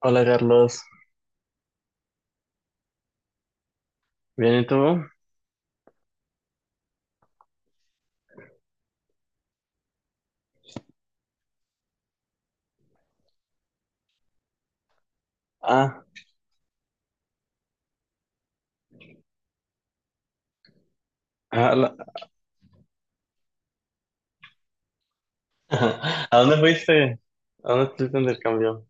Hola Carlos, ¿bien y tú? Ah, a, la- ¿A dónde fuiste? ¿A dónde estuviste en el cambio?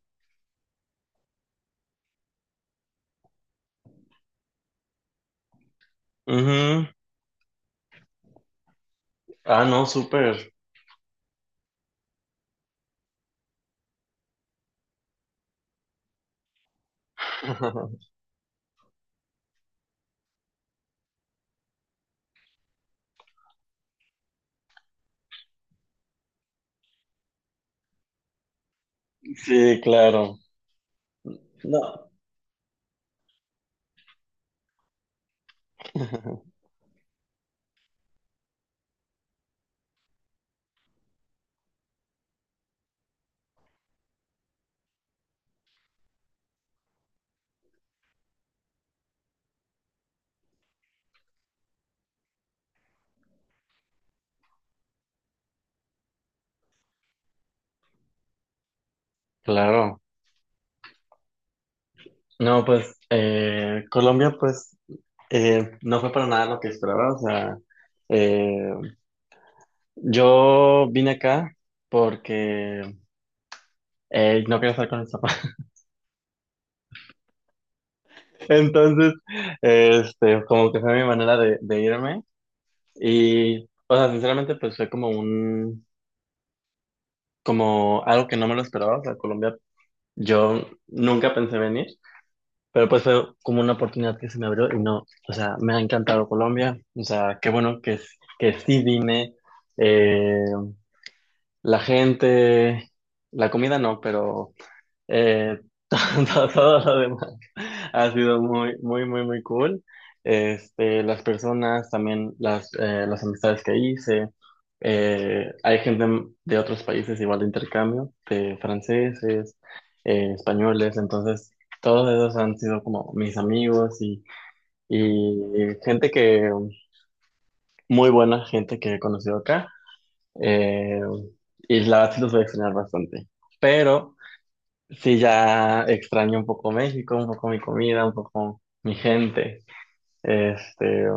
Ujú. Ah, no, súper. Sí, claro. No. Claro. No, pues Colombia, pues no fue para nada lo que esperaba. O sea, eh, yo vine acá porque no quería estar con mis papás. Entonces, como que fue mi manera de irme. Y, o sea, sinceramente, pues fue como un, como algo que no me lo esperaba. O sea, Colombia, yo nunca pensé venir, pero pues fue como una oportunidad que se me abrió y no, o sea, me ha encantado Colombia. O sea, qué bueno que sí vine. Eh, la gente, la comida no, pero Eh, todo, todo lo demás ha sido muy, muy, muy, muy cool. Este, las personas, también las amistades que hice. Hay gente de otros países igual de intercambio, de franceses, españoles. Entonces, todos esos han sido como mis amigos y gente que, muy buena gente que he conocido acá. Eh, y la verdad sí los voy a extrañar bastante. Pero... Sí, ya extraño un poco México, un poco mi comida, un poco mi gente. Este,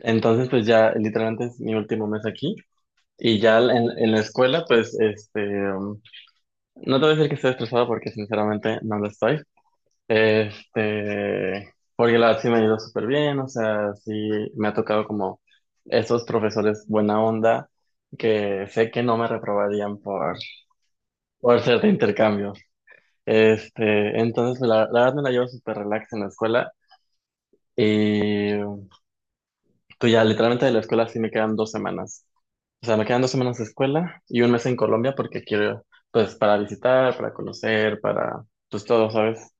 entonces, pues ya literalmente es mi último mes aquí. Y ya en la escuela, pues, um, no te voy a decir que estoy estresado porque sinceramente no lo estoy. Este, porque la verdad sí me ha ido súper bien, o sea, sí me ha tocado como esos profesores buena onda que sé que no me reprobarían por ser de intercambio. Este, entonces la verdad me la llevo súper relax en la escuela y pues ya literalmente de la escuela sí me quedan dos semanas. O sea, me quedan dos semanas de escuela y un mes en Colombia porque quiero, pues, para visitar, para conocer, para, pues, todo, ¿sabes?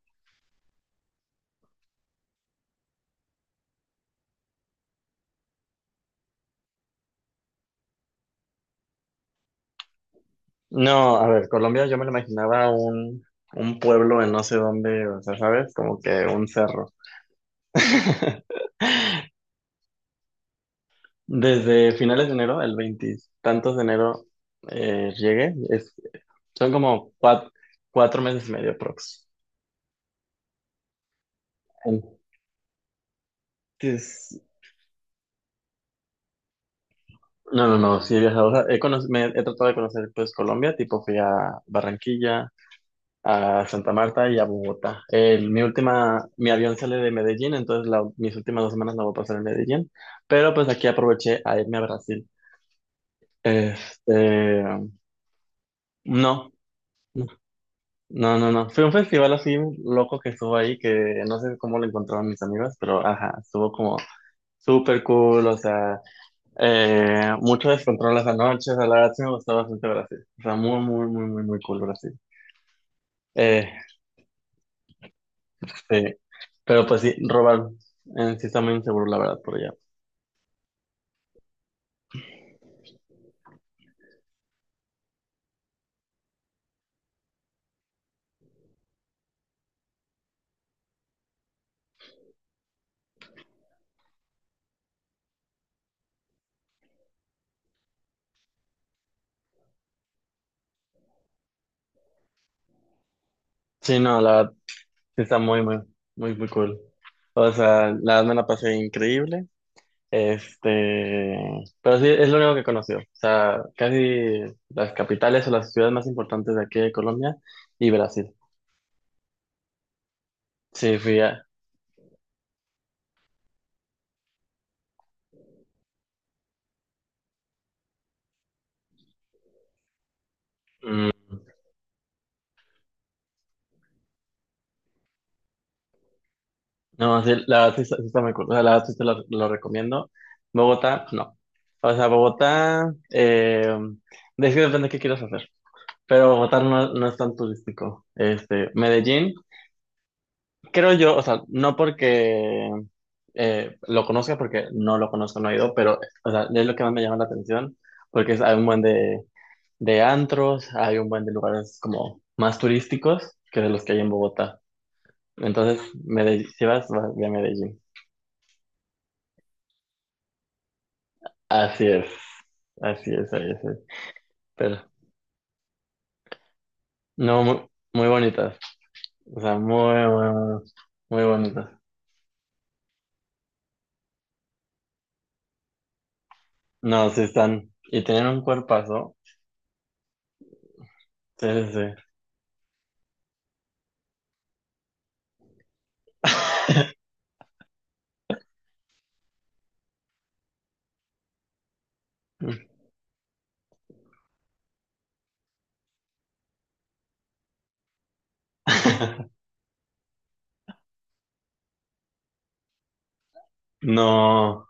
No, a ver, Colombia yo me lo imaginaba un pueblo en no sé dónde, o sea, ¿sabes? Como que un cerro. Desde finales de enero, el veintitantos de enero, llegué. Es- son como cuat- cuatro meses y medio aprox. Antes, no, no, no, sí he viajado, o sea, he, cono- me, he tratado de conocer pues Colombia, tipo fui a Barranquilla, a Santa Marta y a Bogotá. El- mi última, mi avión sale de Medellín, entonces la- mis últimas dos semanas la voy a pasar en Medellín, pero pues aquí aproveché a irme a Brasil. Este, no, no, no, no, fue un festival así loco que estuvo ahí, que no sé cómo lo encontraron mis amigos, pero ajá, estuvo como súper cool, o sea... mucho descontrol las noches, a la verdad sí me gustó bastante Brasil. O sea, muy, muy, muy, muy, muy cool Brasil. Eh, sí. Pero pues sí, robar en sí está muy inseguro, la verdad, por allá. Sí, no, la verdad sí está muy, muy, muy, muy cool. O sea, la verdad me la pasé increíble. Este, pero sí, es lo único que conocí. O sea, casi las capitales o las ciudades más importantes de aquí de Colombia y Brasil. Sí, fui a... mm, No, sí, la verdad sí está muy cool. O sea, la verdad sí te lo recomiendo. Bogotá, no. O sea, Bogotá, de es que depende de qué quieras hacer. Pero Bogotá no, no es tan turístico. Este, Medellín, creo yo, o sea, no porque lo conozca, porque no lo conozco, no he ido, pero o sea, es lo que más me llama la atención, porque es- hay un buen de antros, hay un buen de lugares como más turísticos que de los que hay en Bogotá. Entonces, Medellín, si vas, vas ve a Medellín. Así es, así es, así es. Pero, no, muy, muy bonitas. O sea, muy, muy, muy, muy bonitas. No, sí están. Y tienen un cuerpazo. Sí, sí, sí. No,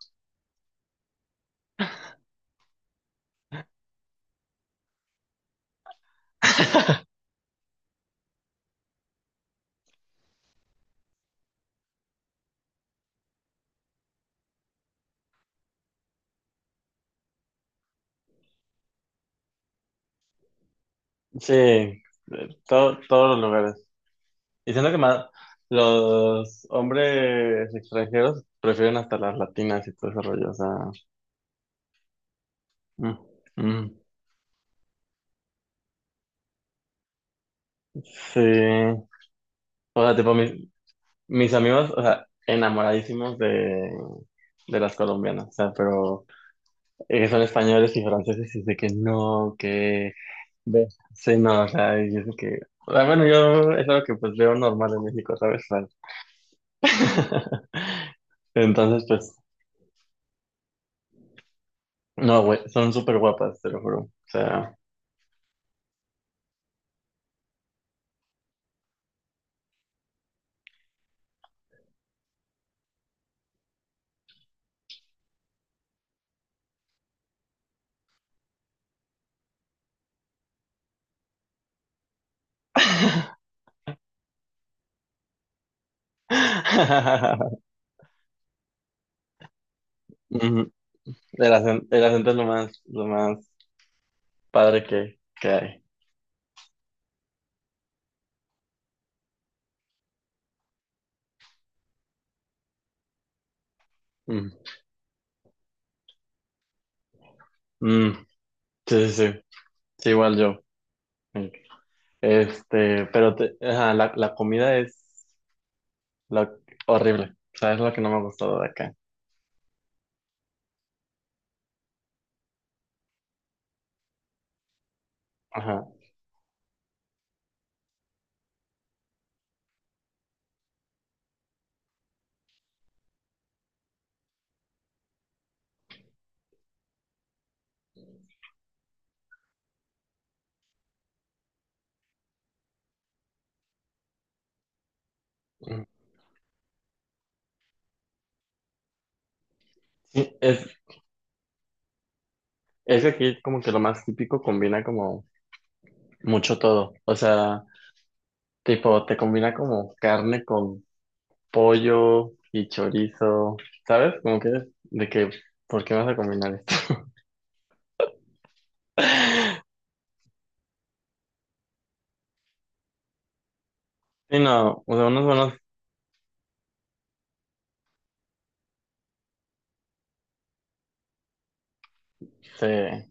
sí. Todo, todos los lugares. Y siento que más los hombres extranjeros prefieren hasta las latinas y todo ese rollo. O sea, mm, mm. Sí. O sea, tipo, mis, mis amigos, o sea, enamoradísimos de las colombianas, o sea, pero son españoles y franceses y dice que no, que ve, sí, no, o sea, y es que, o sea, bueno, yo es algo que pues veo normal en México, ¿sabes? O sea, Entonces, pues, no, güey, son súper guapas, te lo juro, o sea, Ujú, el acento es lo más padre que hay. Mm, mm, sí, sí, sí, sí, igual yo. eh, Este, pero te- ajá, la comida es lo, horrible. O sea, es lo que no me ha gustado de acá. Ajá. Sí, es que aquí como que lo más típico combina como mucho todo. O sea, tipo, te combina como carne con pollo y chorizo. ¿Sabes? Como que de que, ¿por qué vas a combinar esto? Sí, no, o sea, unos buenos, se-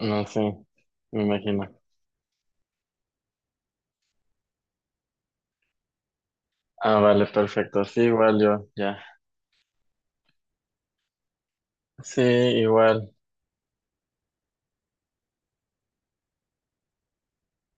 no sé, me imagino. Ah, vale, perfecto. Sí, igual yo, ya. Sí, igual.